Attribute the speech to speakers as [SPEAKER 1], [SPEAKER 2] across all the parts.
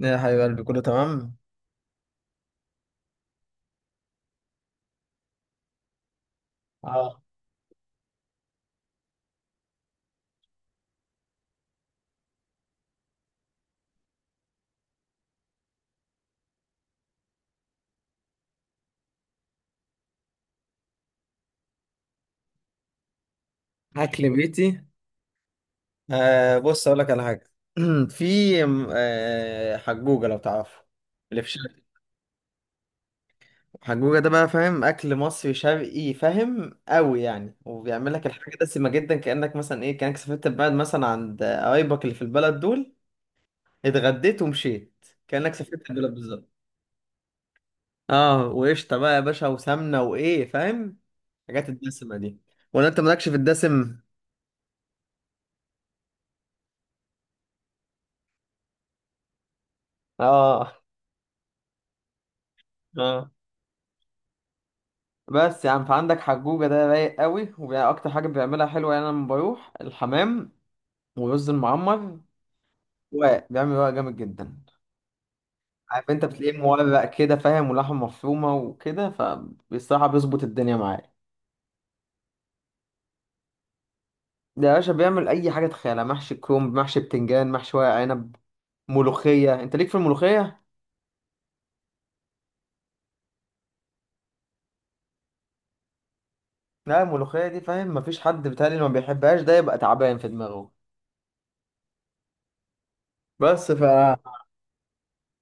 [SPEAKER 1] يا حبيب قلبي كله تمام. اه. اكل بيتي. آه، بص اقول لك على حاجه. في حجوجه لو تعرفه اللي في شرقي. حجوجه ده بقى فاهم اكل مصري شرقي فاهم قوي يعني وبيعمل لك الحاجه دسمه جدا كانك مثلا ايه كانك سافرت البلد مثلا عند قرايبك اللي في البلد دول. اتغديت ومشيت كانك سافرت البلد بالظبط. اه وقشطه بقى يا باشا وسمنه وايه فاهم الحاجات الدسمه دي. ولا انت مالكش في الدسم؟ اه اه. بس يعني فعندك حجوجة ده رايق قوي وأكتر حاجة بيعملها حلوة يعني أنا لما بروح الحمام ورز المعمر وبيعمل رقاق جامد جدا. عارف أنت بتلاقيه مورق كده فاهم ولحمة مفرومة وكده فبصراحة بيظبط الدنيا معايا. ده يا باشا بيعمل أي حاجة تخيلها محشي كرنب محشي بتنجان محشي ورق عنب. ملوخية أنت ليك في الملوخية؟ لا الملوخية دي فاهم مفيش حد بيتهيألي ما بيحبهاش ده يبقى تعبان في دماغه. بس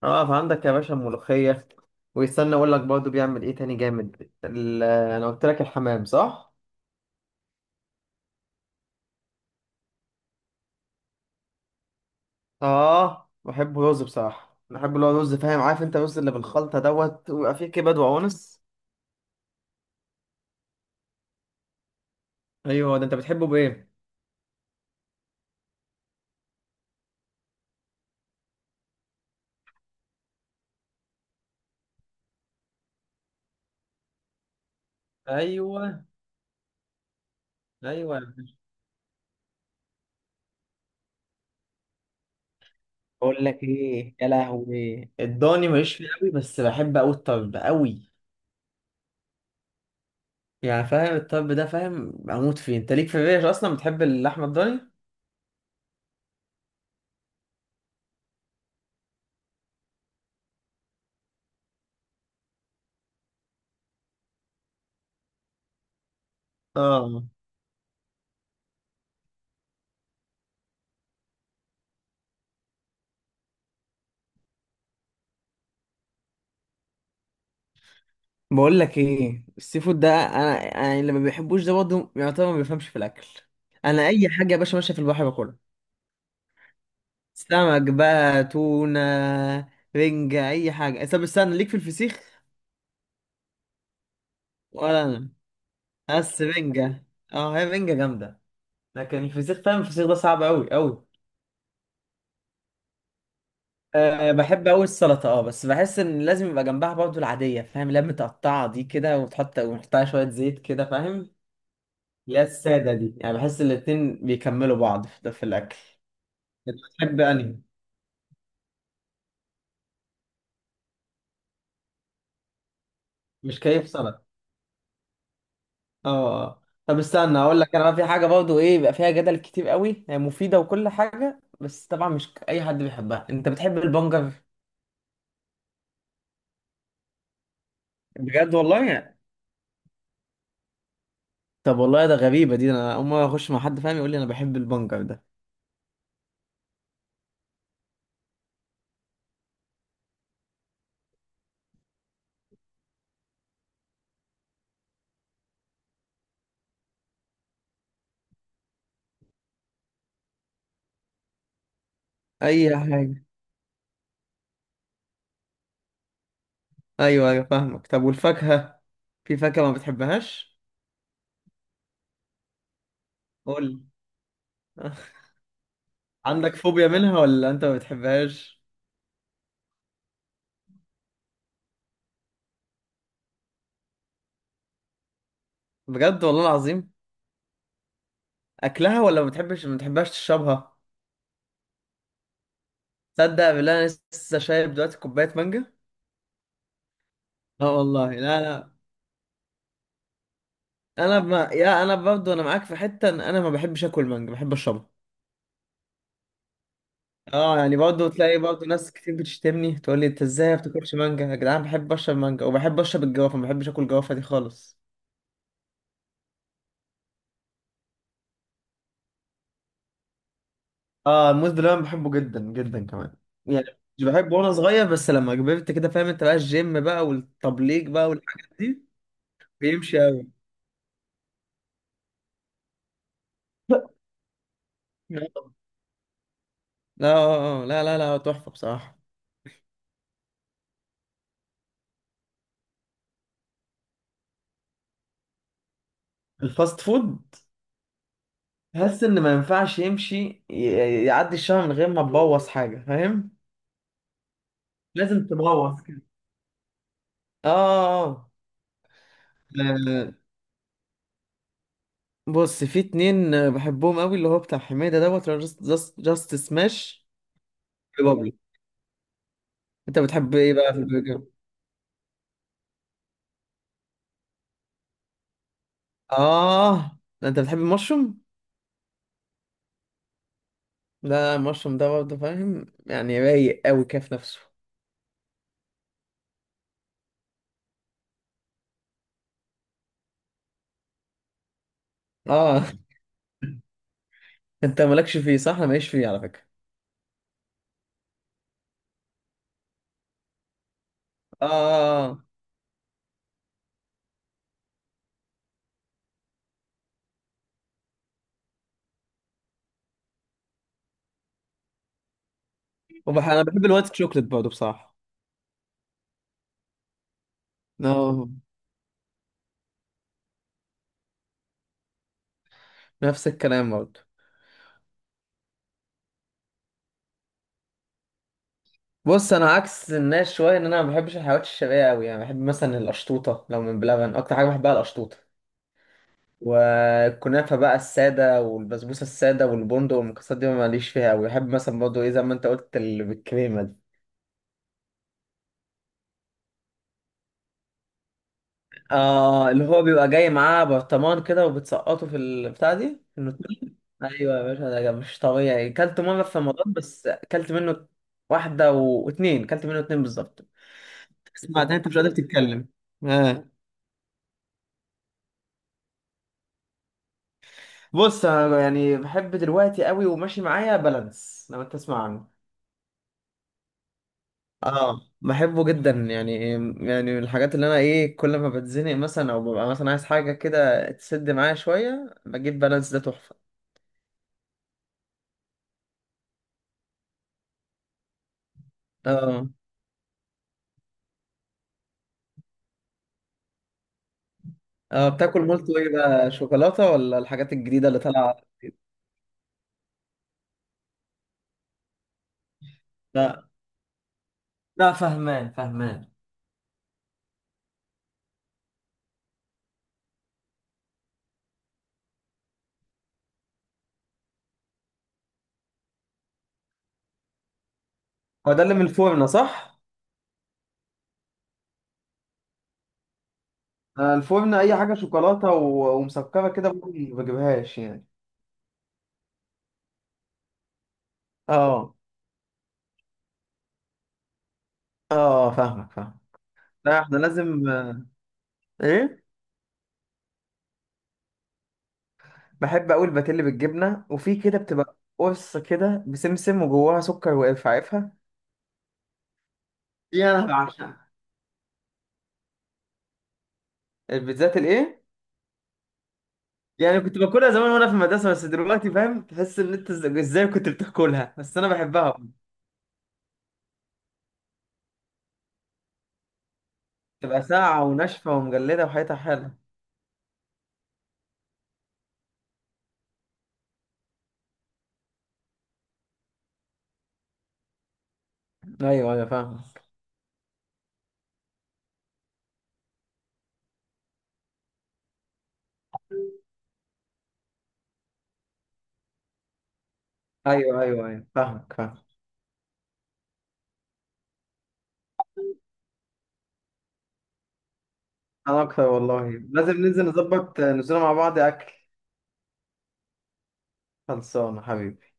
[SPEAKER 1] اه فعندك يا باشا الملوخية. ويستنى اقول لك برضه بيعمل ايه تاني جامد انا قلت لك الحمام صح؟ اه بحبه رز بصراحة بحب اللي هو رز فاهم عارف انت الرز اللي بالخلطة دوت ويبقى فيه كبد وقوانص. ايوه ده انت بتحبه بايه؟ ايوه ايوه. بقول لك ايه يا لهوي الضاني ماليش فيه قوي بس بحب قوي الطرب قوي. يعني فاهم الطرب ده فاهم بموت فيه انت ليك في الريش اصلا بتحب اللحمة الضاني؟ اه. بقول لك ايه السي فود ده انا يعني اللي ما بيحبوش ده برضه يعتبر ما بيفهمش في الاكل. انا اي حاجه يا باشا ماشيه في البحر باكلها. سمك بقى تونه. رنجه اي حاجه طب استنى ليك في الفسيخ؟ ولا انا. بس رنجه. اه هي رنجه جامده. لكن الفسيخ فاهم الفسيخ ده صعب قوي قوي. أه بحب قوي السلطه بس بحس ان لازم يبقى جنبها برضه العاديه فاهم اللي هي متقطعه دي كده وتحط ونحطها شويه زيت كده فاهم. اللي هي الساده دي يعني بحس الاتنين بيكملوا بعض في الاكل. بتحب انهي؟ مش كيف سلطه. اه اه. طب استنى اقول لك انا بقى في حاجه برضه ايه بيبقى فيها جدل كتير قوي هي مفيده وكل حاجه بس طبعا مش اي حد بيحبها انت بتحب البنجر؟ بجد والله؟ طب والله ده غريبه دي انا اول مره اخش مع حد فاهم يقول لي انا بحب البنجر ده. اي حاجه. ايوه ايوه فاهمك طب والفاكهه. في فاكهه ما بتحبهاش؟ قول لي. عندك فوبيا منها ولا انت ما بتحبهاش؟ بجد والله العظيم؟ اكلها ولا ما بتحبش ما بتحبهاش تشربها؟ تصدق بالله انا لسه شايب دلوقتي كوبايه مانجا. اه والله لا لا انا ما يا انا برضه انا معاك في حته ان انا ما بحبش اكل مانجا بحب اشربها. اه يعني برضه تلاقي برضه ناس كتير بتشتمني تقول لي انت ازاي ما بتاكلش مانجا يا جدعان بحب اشرب مانجا وبحب اشرب الجوافه ما بحبش اكل الجوافه دي خالص. اه الموز باللبن بحبه جدا جدا كمان. يعني مش بحبه وانا صغير بس لما كبرت كده فاهم انت بقى الجيم بقى والتبليج بقى والحاجات دي. بيمشي قوي. لا لا لا لا لا تحفه بصراحه. الفاست فود. تحس ان ما ينفعش يمشي يعدي الشهر من غير ما تبوظ حاجه فاهم. لازم تبوظ كده. اه. آه، بص في اتنين بحبهم قوي اللي هو بتاع حميدة دوت جاست سماش. بابلو. انت بتحب ايه بقى في البرجر؟ اه ده انت بتحب المشروم؟ لا المشروم ده برضه فاهم يعني رايق قوي كده في نفسه. اه. انت مالكش فيه صح انا ماليش فيه على فكرة. اه آه، آه. انا بحب الوايت شوكليت برضه بصراحة. اه نفس الكلام برضه. بص انا عكس الناس شويه ان انا ما بحبش الحلويات الشرقيه قوي يعني بحب مثلا القشطوطه لو من بلبن اكتر حاجه بحبها القشطوطه. والكنافه بقى الساده والبسبوسه الساده والبندق والمكسرات دي ماليش فيها قوي بحب مثلا برضه ايه زي ما انت قلت اللي بالكريمه دي. اه اللي هو بيبقى جاي معاه برطمان كده وبتسقطه في البتاع دي في النوتيلا. ايوه يا باشا ده مش طبيعي كلت مره في رمضان بس كلت منه واحده واتنين كلت منه اتنين بالظبط. تسمع ده انت مش قادر تتكلم. بص انا يعني بحب دلوقتي قوي وماشي معايا بالانس لو انت تسمع عنه. اه بحبه جدا يعني. يعني من الحاجات اللي انا ايه كل ما بتزنق مثلا او ببقى مثلا عايز حاجه كده تسد معايا شويه بجيب بالانس ده تحفه. اه اه بتاكل مولتو ايه بقى شوكولاته ولا الحاجات الجديده اللي طالعه؟ لا لا فهمان فهمان. هو ده اللي من الفرن صح؟ الفرن اي حاجه شوكولاته ومسكره كده برضه ما بجيبهاش يعني. اه اه فاهمك فاهم. لا احنا لازم. ايه بحب اقول باتيلي بالجبنه وفي كده بتبقى قرص كده بسمسم وجواها سكر وقرفه عارفها؟ دي انا بعشقها. البيتزات الايه؟ يعني كنت باكلها زمان وانا في المدرسه بس دلوقتي فاهم تحس ان انت ازاي كنت بتاكلها بس انا بحبها. تبقى ساقعه وناشفه ومجلده وحياتها حلوه. ايوه ايوه فاهمك. ايوه ايوه ايوه فاهمك فاهمك. انا اكتر والله لازم ننزل نظبط نزوله مع بعض اكل. خلصانه حبيبي.